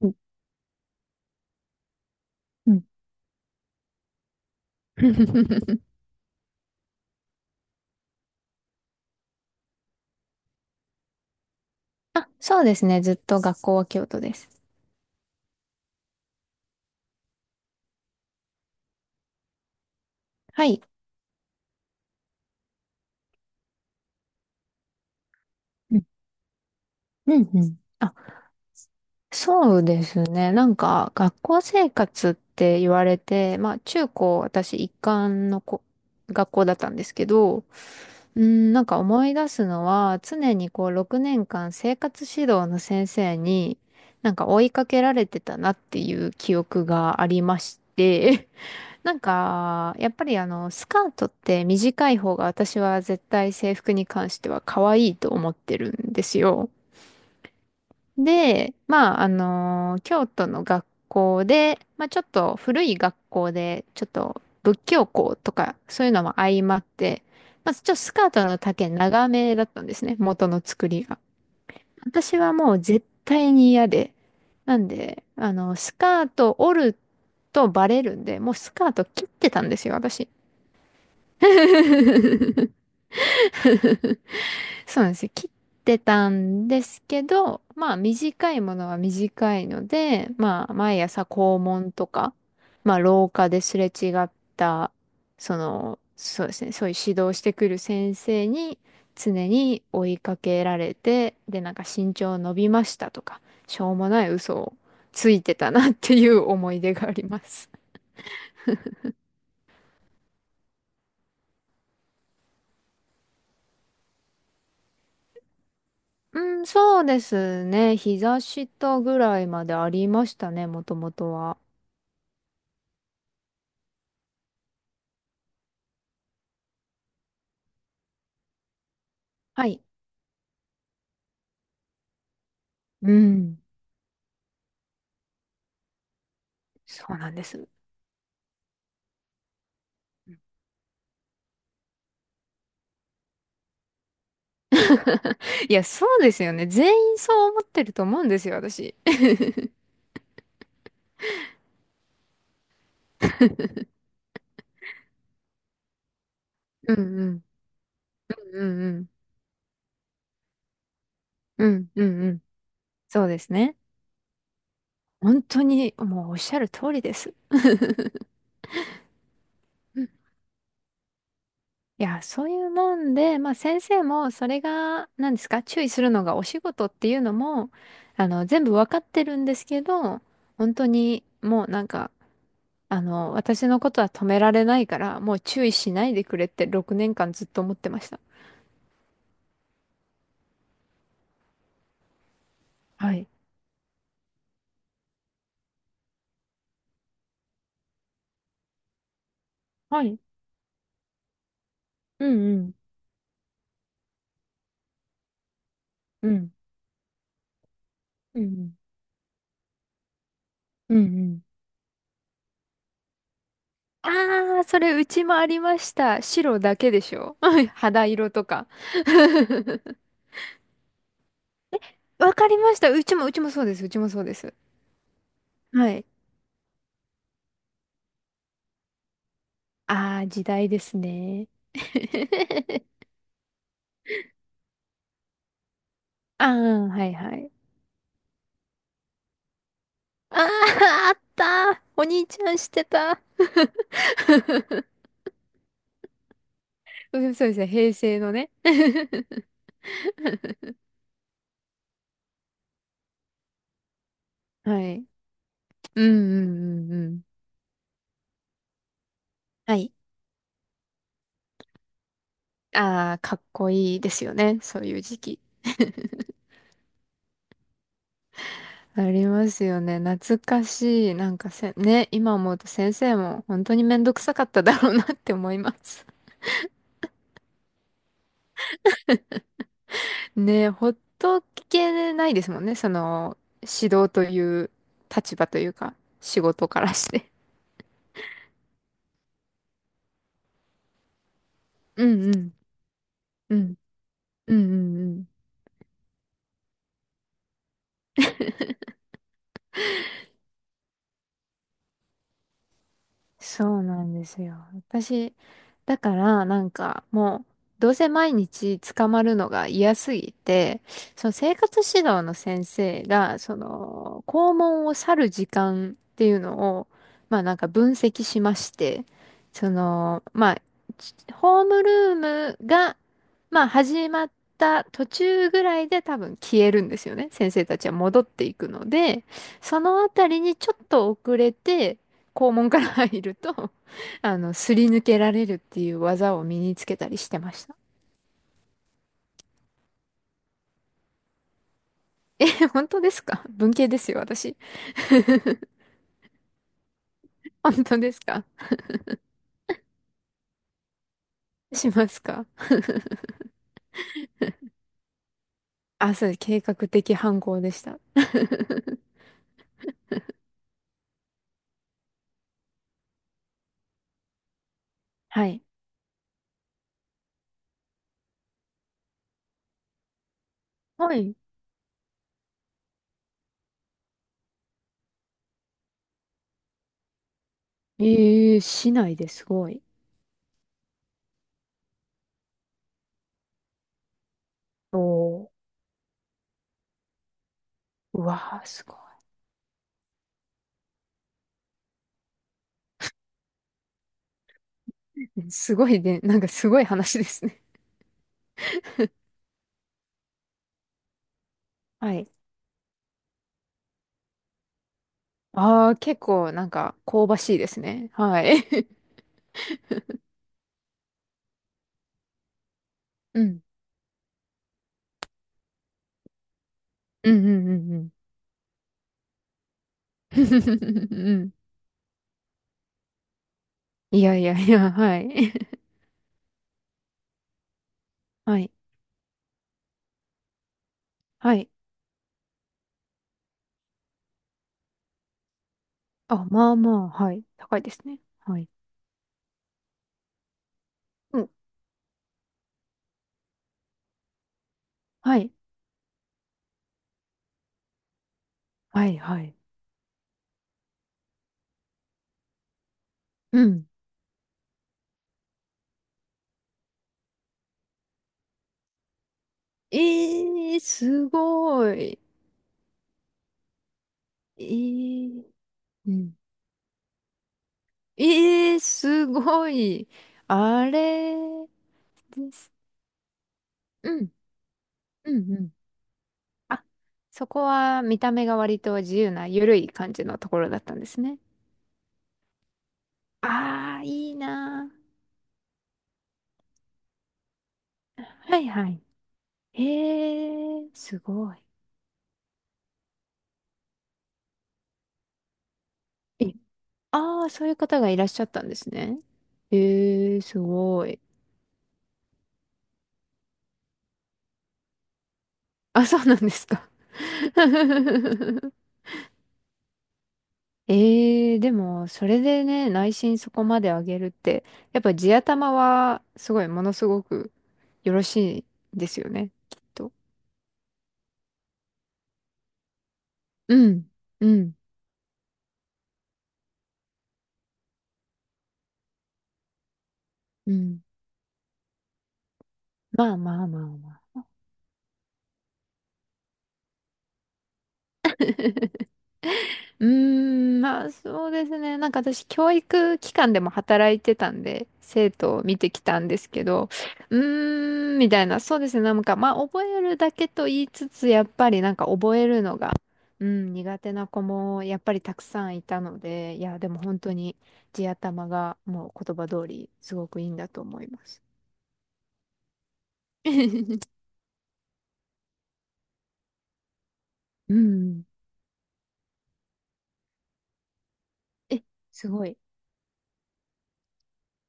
うんうん あ、そうですね。ずっと学校は京都です。はい。うんうんうん。あ、そうですね。なんか、学校生活って言われて、まあ、中高、私、一貫の学校だったんですけど、うん、なんか思い出すのは、常にこう、6年間生活指導の先生に、なんか追いかけられてたなっていう記憶がありまして、なんか、やっぱりスカートって短い方が私は絶対制服に関しては可愛いと思ってるんですよ。で、まあ、京都の学校で、まあ、ちょっと古い学校で、ちょっと仏教校とか、そういうのも相まって、まあ、ちょっとスカートの丈長めだったんですね、元の作りが。私はもう絶対に嫌で。なんで、スカート折るとバレるんで、もうスカート切ってたんですよ、私。そうなんですよ。切ってたんですけど、まあ短いものは短いので、まあ毎朝校門とか、まあ廊下ですれ違った、そうですね、そういう指導してくる先生に常に追いかけられて、で、なんか身長伸びましたとか、しょうもない嘘をついてたなっていう思い出があります。うん、そうですね。膝下ぐらいまでありましたね、もともとは。はい。うん、そうなんです。いや、そうですよね。全員そう思ってると思うんですよ、私。うんうん。うんうん。うんうんうん。そうですね。本当にもうおっしゃる通りです。うん。いや、そういうもんで、まあ先生もそれが、何ですか、注意するのがお仕事っていうのも、全部わかってるんですけど、本当にもうなんか、私のことは止められないから、もう注意しないでくれって6年間ずっと思ってました。はい。はい。うんうん。うん。うん。うんうん。ああ、それうちもありました。白だけでしょ 肌色とか。わかりました。うちもそうです。うちもそうです。はい。ああ、時代ですね。ああ、はいはい。ああ、あった。お兄ちゃんしてた。そうそうですね、平成のね。はい。うんうんうんうん。はい。ああ、かっこいいですよね。そういう時期。ありますよね。懐かしい。なんかね、今思うと先生も本当にめんどくさかっただろうなって思います。ね、ほっとけないですもんね。指導という立場というか、仕事からして。うんうん。うん。うんうんうん。そうなんですよ。私、だからなんかもう、どうせ毎日捕まるのが嫌すぎて、その生活指導の先生が、その、校門を去る時間っていうのを、まあなんか分析しまして、まあ、ホームルームが、まあ始まった途中ぐらいで多分消えるんですよね。先生たちは戻っていくので、そのあたりにちょっと遅れて、肛門から入ると、すり抜けられるっていう技を身につけたりしてました。え、本当ですか？文系ですよ、私。本当ですか？しますか？あ、そうです、計画的犯行でした。はい。はい。ええ、市内で？すごい。おー、うわー、すごい。すごいね、なんかすごい話ですね。はい。ああ、結構なんか香ばしいですね。はい。うん。うんうんうんうん。うん。いやいやいや、はい。はい。はい。あ、まあまあ、はい。高いですね。はい。うん。はい。はい、はい。うん。えー、すごい。えー、うん。えー、すごい。あれです。うん。うん、うん。あ、そこは見た目が割と自由な、ゆるい感じのところだったんですね。あー、いいなー。はい、はい。えー、すごい。ああ、そういう方がいらっしゃったんですね。ええ、すごい。あ、そうなんですか。ええ、でも、それでね、内心そこまで上げるって、やっぱ地頭は、すごい、ものすごくよろしいんですよね、きっと。うん、うん、うん。まあまあまあまあ。うーん、まあそうですね。なんか私、教育機関でも働いてたんで、生徒を見てきたんですけど、うーん、みたいな、そうですね。なんか、まあ覚えるだけと言いつつ、やっぱりなんか覚えるのが、うん、苦手な子もやっぱりたくさんいたので、いや、でも本当に地頭がもう言葉通り、すごくいいんだと思います。うん。え、すごい。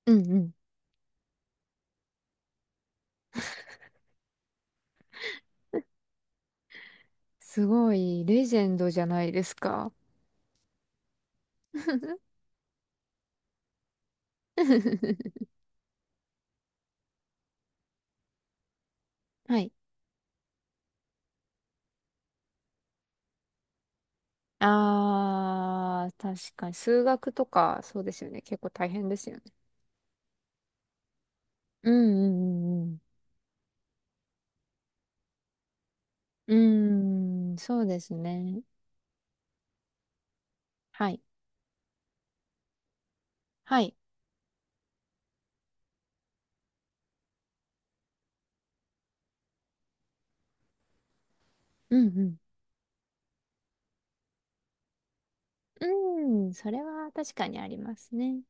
うんうん。すごい、レジェンドじゃないですか。はい。あー、確かに。数学とか、そうですよね。結構大変ですよね。うんうんうんうん。うーん、そうですね。はい。はい。うんうん。うーん、それは確かにありますね。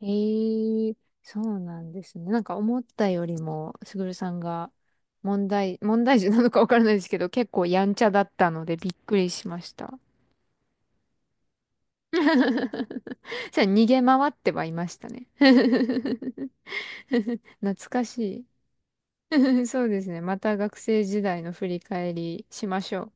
えー、そうなんですね。なんか思ったよりも、すぐるさんが問題児なのかわからないですけど、結構やんちゃだったのでびっくりしました。じゃあ逃げ回ってはいましたね。懐かしい。そうですね。また学生時代の振り返りしましょう。